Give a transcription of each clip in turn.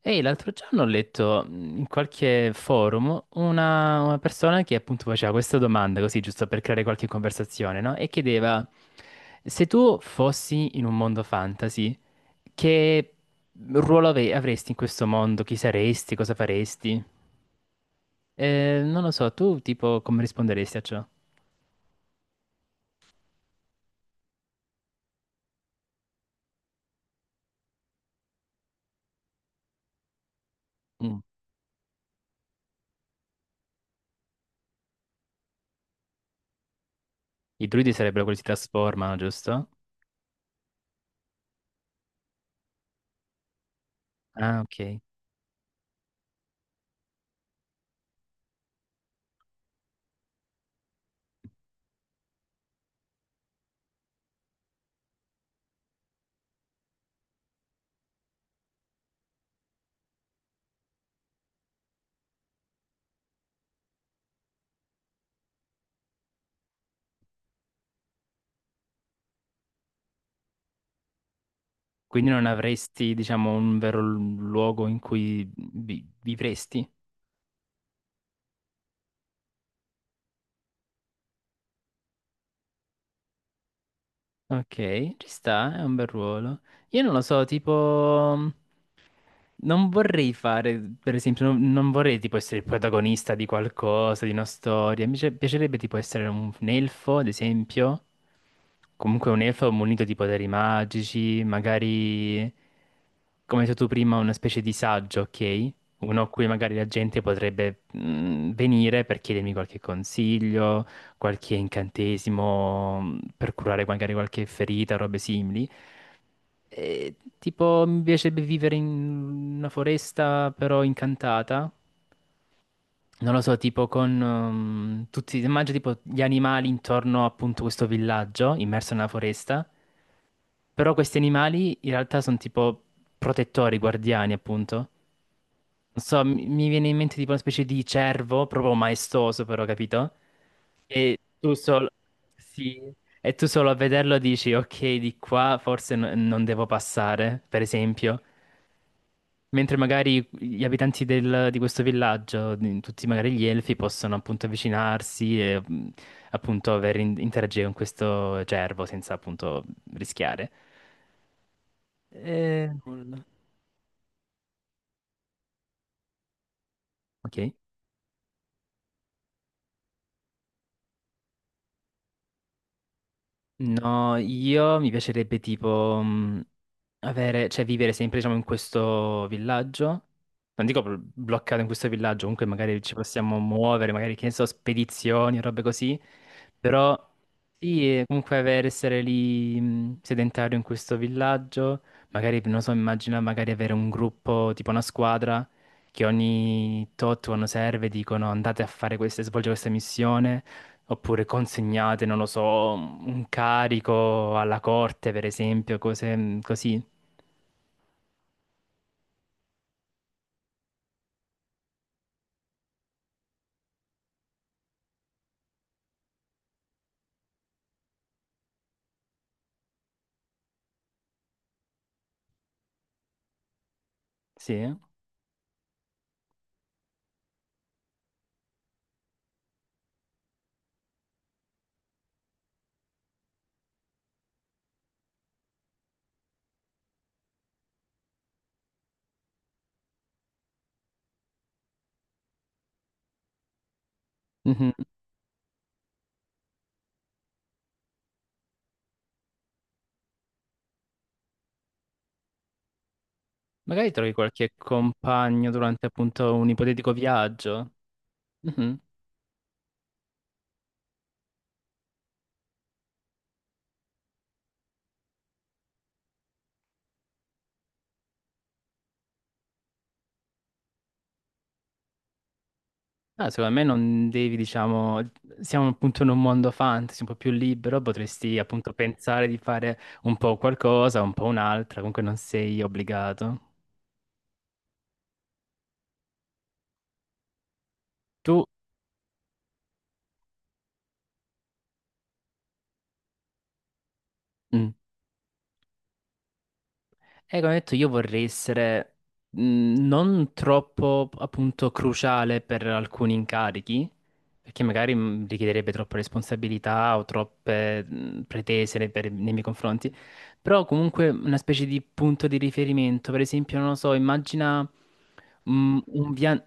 Ehi, l'altro giorno ho letto in qualche forum una persona che appunto faceva questa domanda, così giusto per creare qualche conversazione, no? E chiedeva, se tu fossi in un mondo fantasy, che ruolo avresti in questo mondo? Chi saresti? Cosa faresti? Non lo so, tu tipo come risponderesti a ciò? Mm. I druidi sarebbero quelli che si trasformano, giusto? Ah, ok. Quindi non avresti, diciamo, un vero luogo in cui vivresti? Ok, ci sta, è un bel ruolo. Io non lo so, tipo... mm, non vorrei fare, per esempio, non vorrei tipo essere il protagonista di qualcosa, di una storia. Piacerebbe tipo essere un elfo, ad esempio. Comunque un elfo munito di poteri magici, magari, come hai detto tu prima, una specie di saggio, ok? Uno a cui magari la gente potrebbe venire per chiedermi qualche consiglio, qualche incantesimo per curare magari qualche ferita, robe simili. E, tipo, mi piacerebbe vivere in una foresta però incantata. Non lo so, tipo con tutti, immagino tipo gli animali intorno appunto a questo villaggio immerso nella foresta. Però questi animali in realtà sono tipo protettori, guardiani, appunto. Non so, mi viene in mente tipo una specie di cervo, proprio maestoso però, capito? E tu solo... Sì. E tu solo a vederlo dici, ok, di qua forse non devo passare, per esempio. Mentre magari gli abitanti di questo villaggio, tutti magari gli elfi, possono appunto avvicinarsi e appunto interagire con questo cervo senza appunto rischiare. E... Nulla. Ok. No, io mi piacerebbe tipo avere, cioè vivere sempre diciamo in questo villaggio. Non dico bloccato in questo villaggio, comunque magari ci possiamo muovere, magari che ne so, spedizioni, robe così. Però sì, comunque avere, essere lì sedentario in questo villaggio, magari, non so, immagina magari avere un gruppo, tipo una squadra, che ogni tot quando serve dicono andate a fare queste, svolgere questa missione. Oppure consegnate, non lo so, un carico alla corte, per esempio, cose così. Sì, eh? Mhm. Magari trovi qualche compagno durante appunto un ipotetico viaggio. Mhm. Ah, secondo me non devi, diciamo, siamo appunto in un mondo fantasy un po' più libero, potresti appunto pensare di fare un po' qualcosa, un po' un'altra, comunque non sei obbligato. Tu, mm, e come ho detto, io vorrei essere mh, non troppo appunto cruciale per alcuni incarichi, perché magari richiederebbe troppe responsabilità o troppe pretese nei miei confronti, però comunque una specie di punto di riferimento, per esempio, non lo so, immagina un viaggio...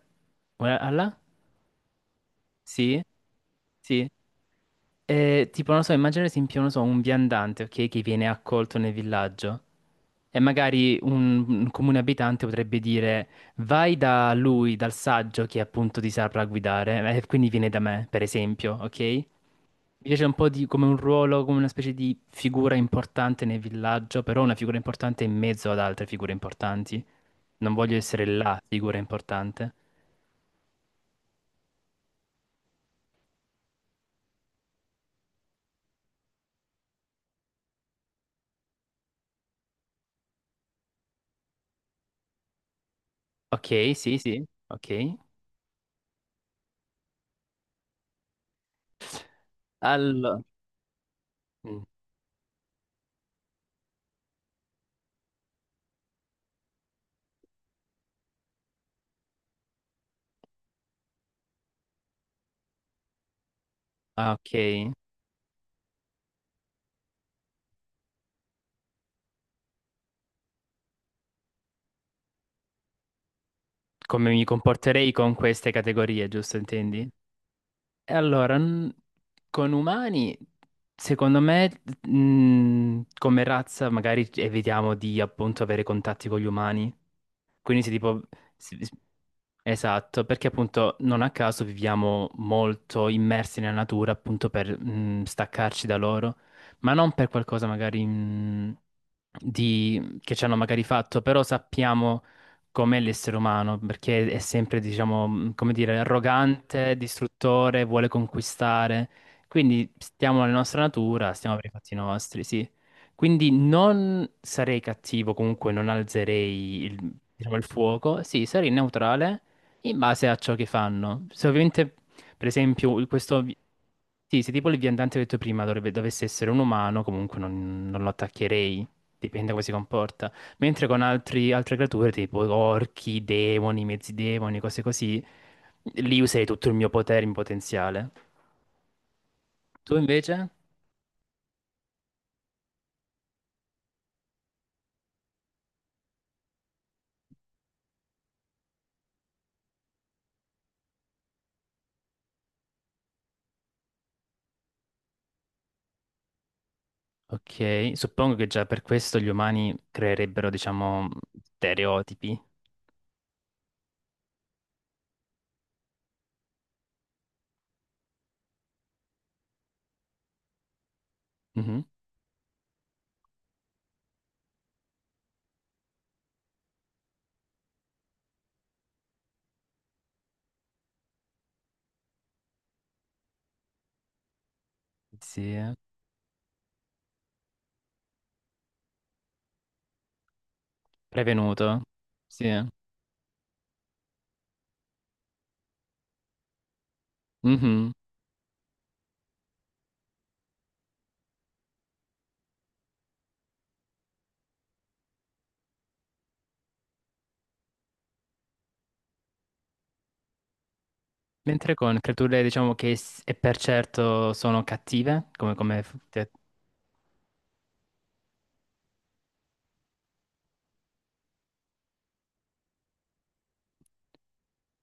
Sì, sì. Tipo, non lo so, immagina ad esempio, non lo so, un viandante, ok, che viene accolto nel villaggio. E magari un comune abitante potrebbe dire: vai da lui, dal saggio che appunto ti saprà guidare, e quindi viene da me, per esempio, ok? Mi piace un po' di, come un ruolo, come una specie di figura importante nel villaggio, però una figura importante in mezzo ad altre figure importanti. Non voglio essere la figura importante. Ok, sì, sì, ok. Allora. Mm. Ah, ok. Come mi comporterei con queste categorie, giusto, intendi? E allora, n- con umani, secondo me, come razza, magari evitiamo di appunto avere contatti con gli umani. Quindi se tipo... si- si- esatto, perché appunto non a caso viviamo molto immersi nella natura appunto per staccarci da loro, ma non per qualcosa magari che ci hanno magari fatto, però sappiamo com'è l'essere umano, perché è sempre, diciamo, come dire, arrogante, distruttore, vuole conquistare. Quindi stiamo nella nostra natura, stiamo per i fatti nostri, sì. Quindi non sarei cattivo, comunque non alzerei diciamo, il fuoco, sì, sarei neutrale in base a ciò che fanno. Se ovviamente, per esempio, questo... vi- Sì, se tipo il viandante che ho detto prima dovesse essere un umano, comunque non lo attaccherei, dipende da come si comporta. Mentre con altre creature, tipo orchi, demoni, mezzi demoni, cose così, lì userei tutto il mio potere in potenziale. Tu invece? Ok, suppongo che già per questo gli umani creerebbero, diciamo, stereotipi. Mhm. Sì, eh. Prevenuto. Sì, eh. Mhm. Mentre con creature, diciamo che e per certo sono cattive, come,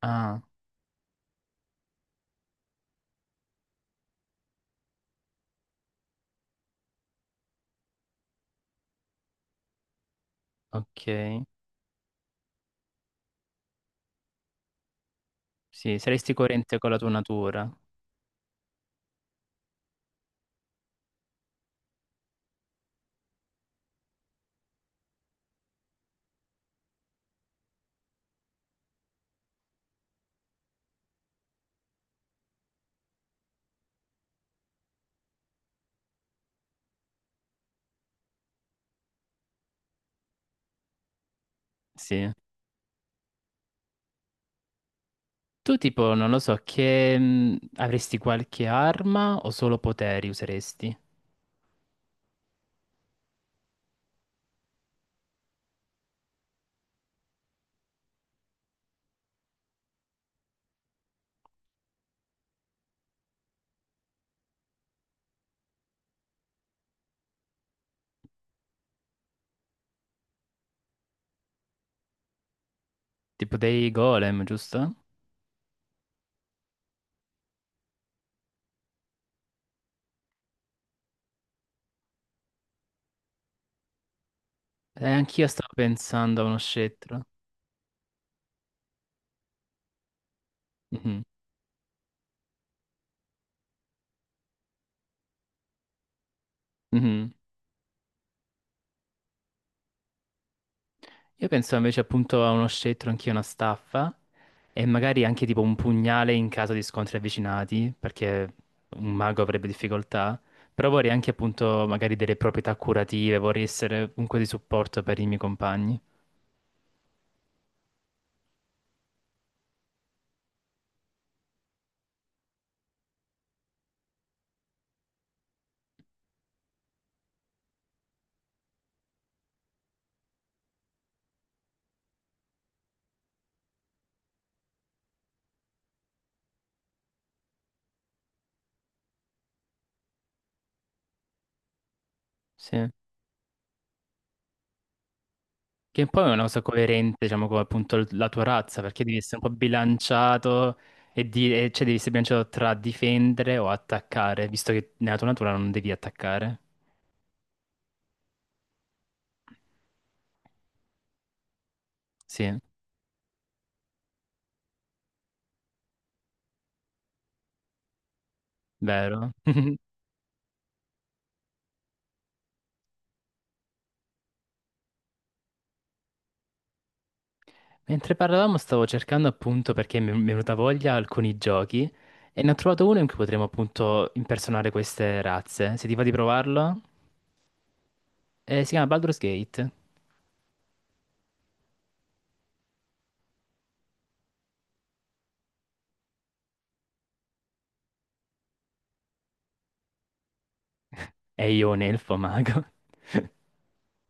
ah, ok. Sì, saresti coerente con la tua natura. Sì. Tu tipo, non lo so, che avresti qualche arma o solo poteri useresti? Tipo dei golem, giusto? Anch'io stavo pensando a uno scettro. Mhm, mhm. Io penso invece appunto a uno scettro, anch'io una staffa. E magari anche tipo un pugnale in caso di scontri avvicinati, perché un mago avrebbe difficoltà. Però vorrei anche appunto magari delle proprietà curative, vorrei essere comunque di supporto per i miei compagni. Sì. Che poi è una cosa coerente, diciamo, con appunto la tua razza, perché devi essere un po' bilanciato cioè devi essere bilanciato tra difendere o attaccare, visto che nella tua natura non devi attaccare. Sì, vero. Mentre parlavamo stavo cercando appunto perché mi è venuta voglia alcuni giochi e ne ho trovato uno in cui potremo appunto impersonare queste razze. Se ti va di provarlo? Si chiama Baldur's Gate e io un elfo mago.